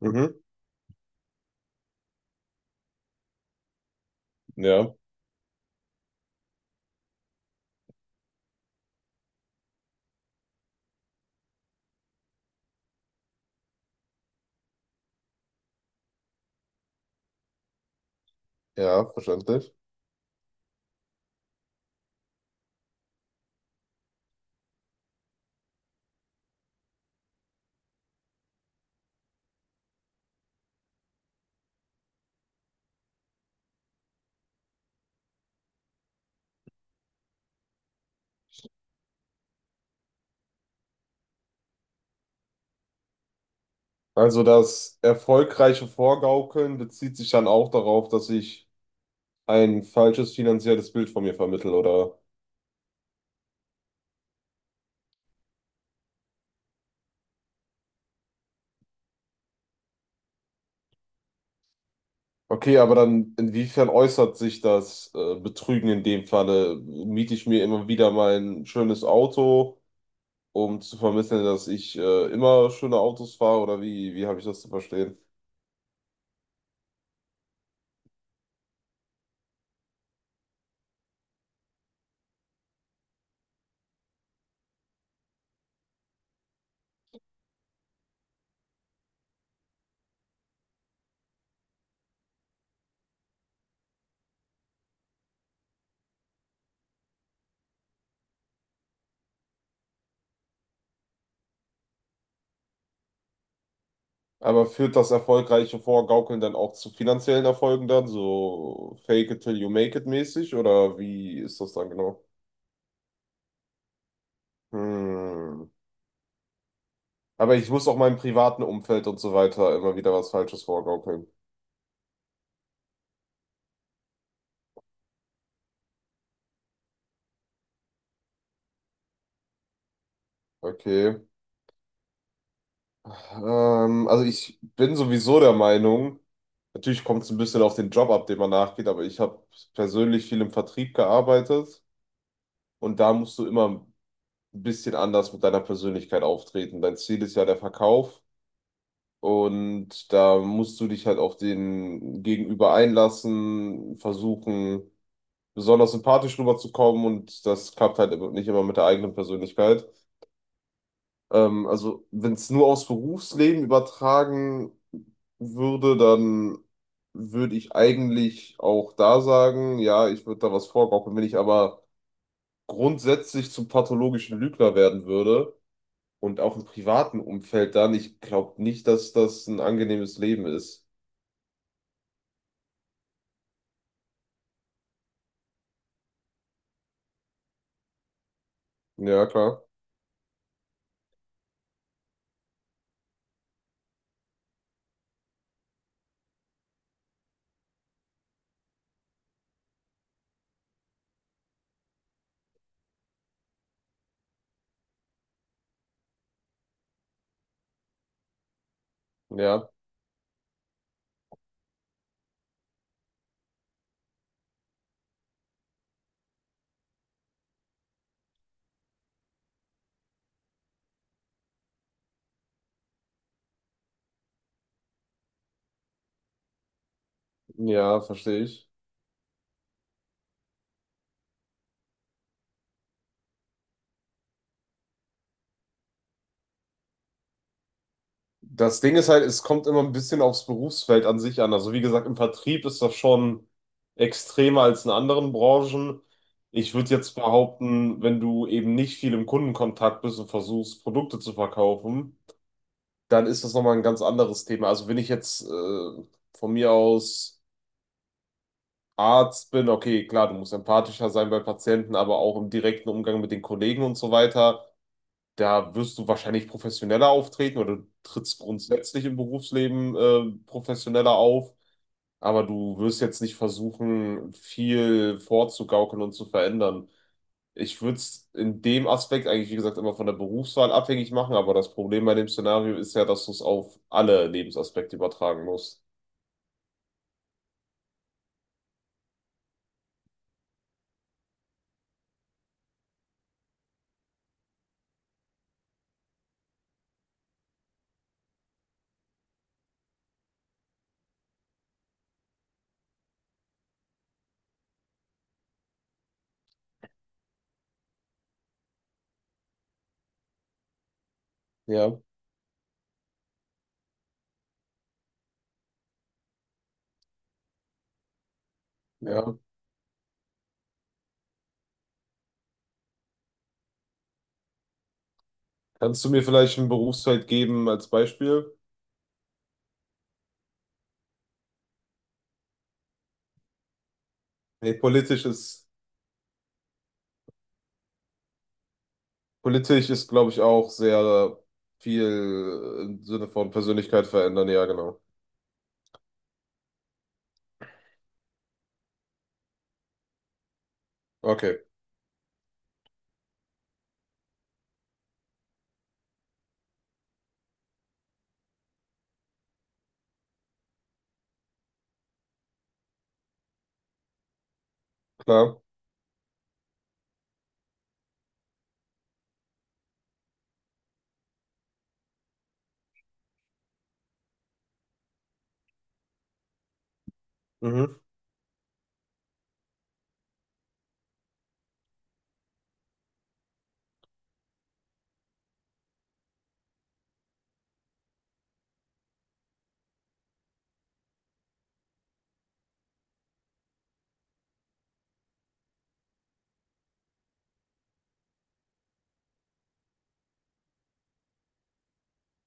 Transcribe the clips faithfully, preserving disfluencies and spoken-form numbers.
Mhm. Ja, ja, verständlich. Also das erfolgreiche Vorgaukeln bezieht sich dann auch darauf, dass ich ein falsches finanzielles Bild von mir vermittle, oder? Okay, aber dann inwiefern äußert sich das äh, Betrügen in dem Falle? Miete ich mir immer wieder mein schönes Auto, um zu vermitteln, dass ich äh, immer schöne Autos fahre, oder wie, wie habe ich das zu verstehen? Aber führt das erfolgreiche Vorgaukeln dann auch zu finanziellen Erfolgen dann, so fake it till you make it mäßig, oder wie ist das dann genau? Hm. Aber ich muss auch meinem privaten Umfeld und so weiter immer wieder was Falsches vorgaukeln. Okay. Ähm, also ich bin sowieso der Meinung, natürlich kommt es ein bisschen auf den Job ab, den man nachgeht, aber ich habe persönlich viel im Vertrieb gearbeitet und da musst du immer ein bisschen anders mit deiner Persönlichkeit auftreten. Dein Ziel ist ja der Verkauf. Und da musst du dich halt auf den Gegenüber einlassen, versuchen, besonders sympathisch rüberzukommen und das klappt halt immer- nicht immer mit der eigenen Persönlichkeit. Ähm, also, wenn es nur aufs Berufsleben übertragen würde, dann würde ich eigentlich auch da sagen, ja, ich würde da was vorgaukeln. Wenn ich aber grundsätzlich zum pathologischen Lügner werden würde und auch im privaten Umfeld dann, ich glaube nicht, dass das ein angenehmes Leben ist. Ja, klar. Ja, ja, verstehe ich. Das Ding ist halt, es kommt immer ein bisschen aufs Berufsfeld an sich an. Also wie gesagt, im Vertrieb ist das schon extremer als in anderen Branchen. Ich würde jetzt behaupten, wenn du eben nicht viel im Kundenkontakt bist und versuchst, Produkte zu verkaufen, dann ist das nochmal ein ganz anderes Thema. Also wenn ich jetzt äh, von mir aus Arzt bin, okay, klar, du musst empathischer sein bei Patienten, aber auch im direkten Umgang mit den Kollegen und so weiter. Da wirst du wahrscheinlich professioneller auftreten oder du trittst grundsätzlich im Berufsleben äh, professioneller auf, aber du wirst jetzt nicht versuchen, viel vorzugaukeln und zu verändern. Ich würde es in dem Aspekt eigentlich, wie gesagt, immer von der Berufswahl abhängig machen, aber das Problem bei dem Szenario ist ja, dass du es auf alle Lebensaspekte übertragen musst. Ja, ja. Kannst du mir vielleicht ein Berufsfeld geben als Beispiel? Nee, politisch ist. Politisch ist, glaube ich, auch sehr viel äh, im Sinne von Persönlichkeit verändern. Ja, genau. Okay, klar. Mhm.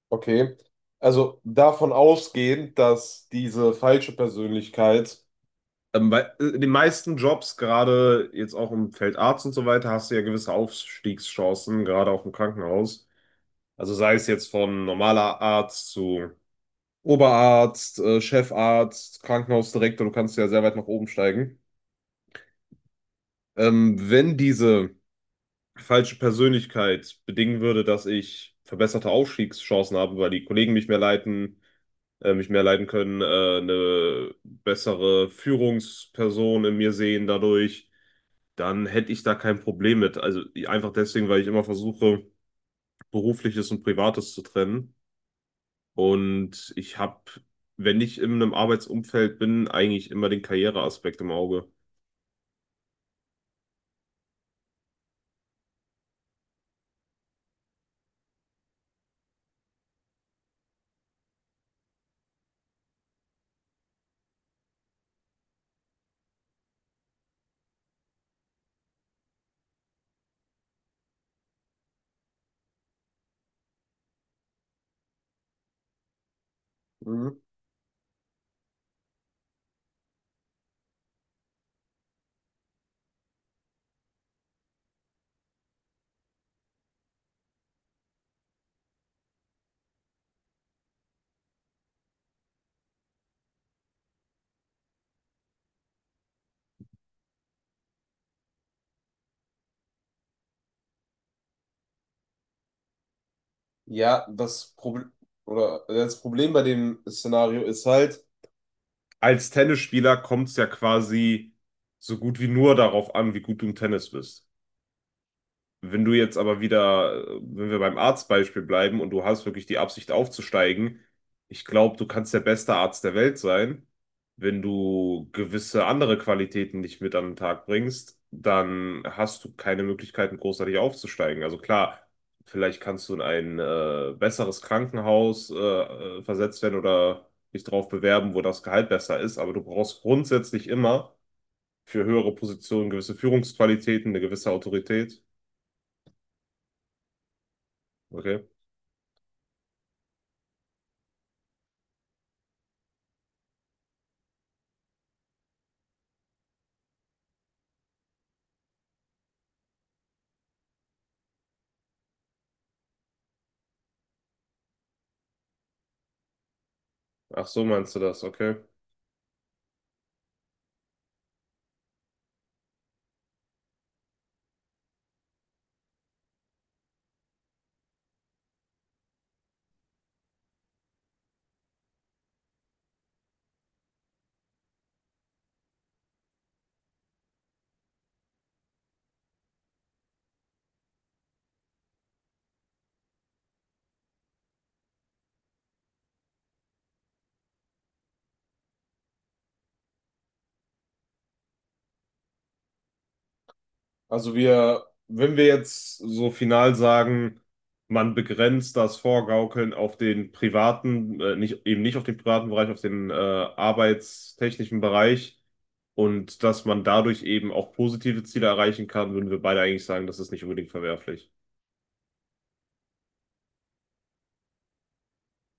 Okay. Also davon ausgehend, dass diese falsche Persönlichkeit, ähm, bei äh, in den meisten Jobs, gerade jetzt auch im Feld Arzt und so weiter, hast du ja gewisse Aufstiegschancen, gerade auch im Krankenhaus. Also sei es jetzt von normaler Arzt zu Oberarzt, äh, Chefarzt, Krankenhausdirektor, du kannst ja sehr weit nach oben steigen. Ähm, wenn diese falsche Persönlichkeit bedingen würde, dass ich verbesserte Aufstiegschancen habe, weil die Kollegen mich mehr leiten, äh, mich mehr leiten können, äh, eine bessere Führungsperson in mir sehen dadurch, dann hätte ich da kein Problem mit. Also einfach deswegen, weil ich immer versuche, berufliches und privates zu trennen. Und ich habe, wenn ich in einem Arbeitsumfeld bin, eigentlich immer den Karriereaspekt im Auge. Mhm. Ja, das Problem oder das Problem bei dem Szenario ist halt, als Tennisspieler kommt es ja quasi so gut wie nur darauf an, wie gut du im Tennis bist. Wenn du jetzt aber wieder, äh, wenn wir beim Arztbeispiel bleiben und du hast wirklich die Absicht aufzusteigen, ich glaube, du kannst der beste Arzt der Welt sein. Wenn du gewisse andere Qualitäten nicht mit an den Tag bringst, dann hast du keine Möglichkeiten, großartig aufzusteigen. Also klar, vielleicht kannst du in ein äh, besseres Krankenhaus äh, äh, versetzt werden oder dich darauf bewerben, wo das Gehalt besser ist, aber du brauchst grundsätzlich immer für höhere Positionen gewisse Führungsqualitäten, eine gewisse Autorität. Okay. Ach so, meinst du das, okay. Also wir, wenn wir jetzt so final sagen, man begrenzt das Vorgaukeln auf den privaten, äh, nicht, eben nicht auf den privaten Bereich, auf den äh, arbeitstechnischen Bereich und dass man dadurch eben auch positive Ziele erreichen kann, würden wir beide eigentlich sagen, das ist nicht unbedingt verwerflich.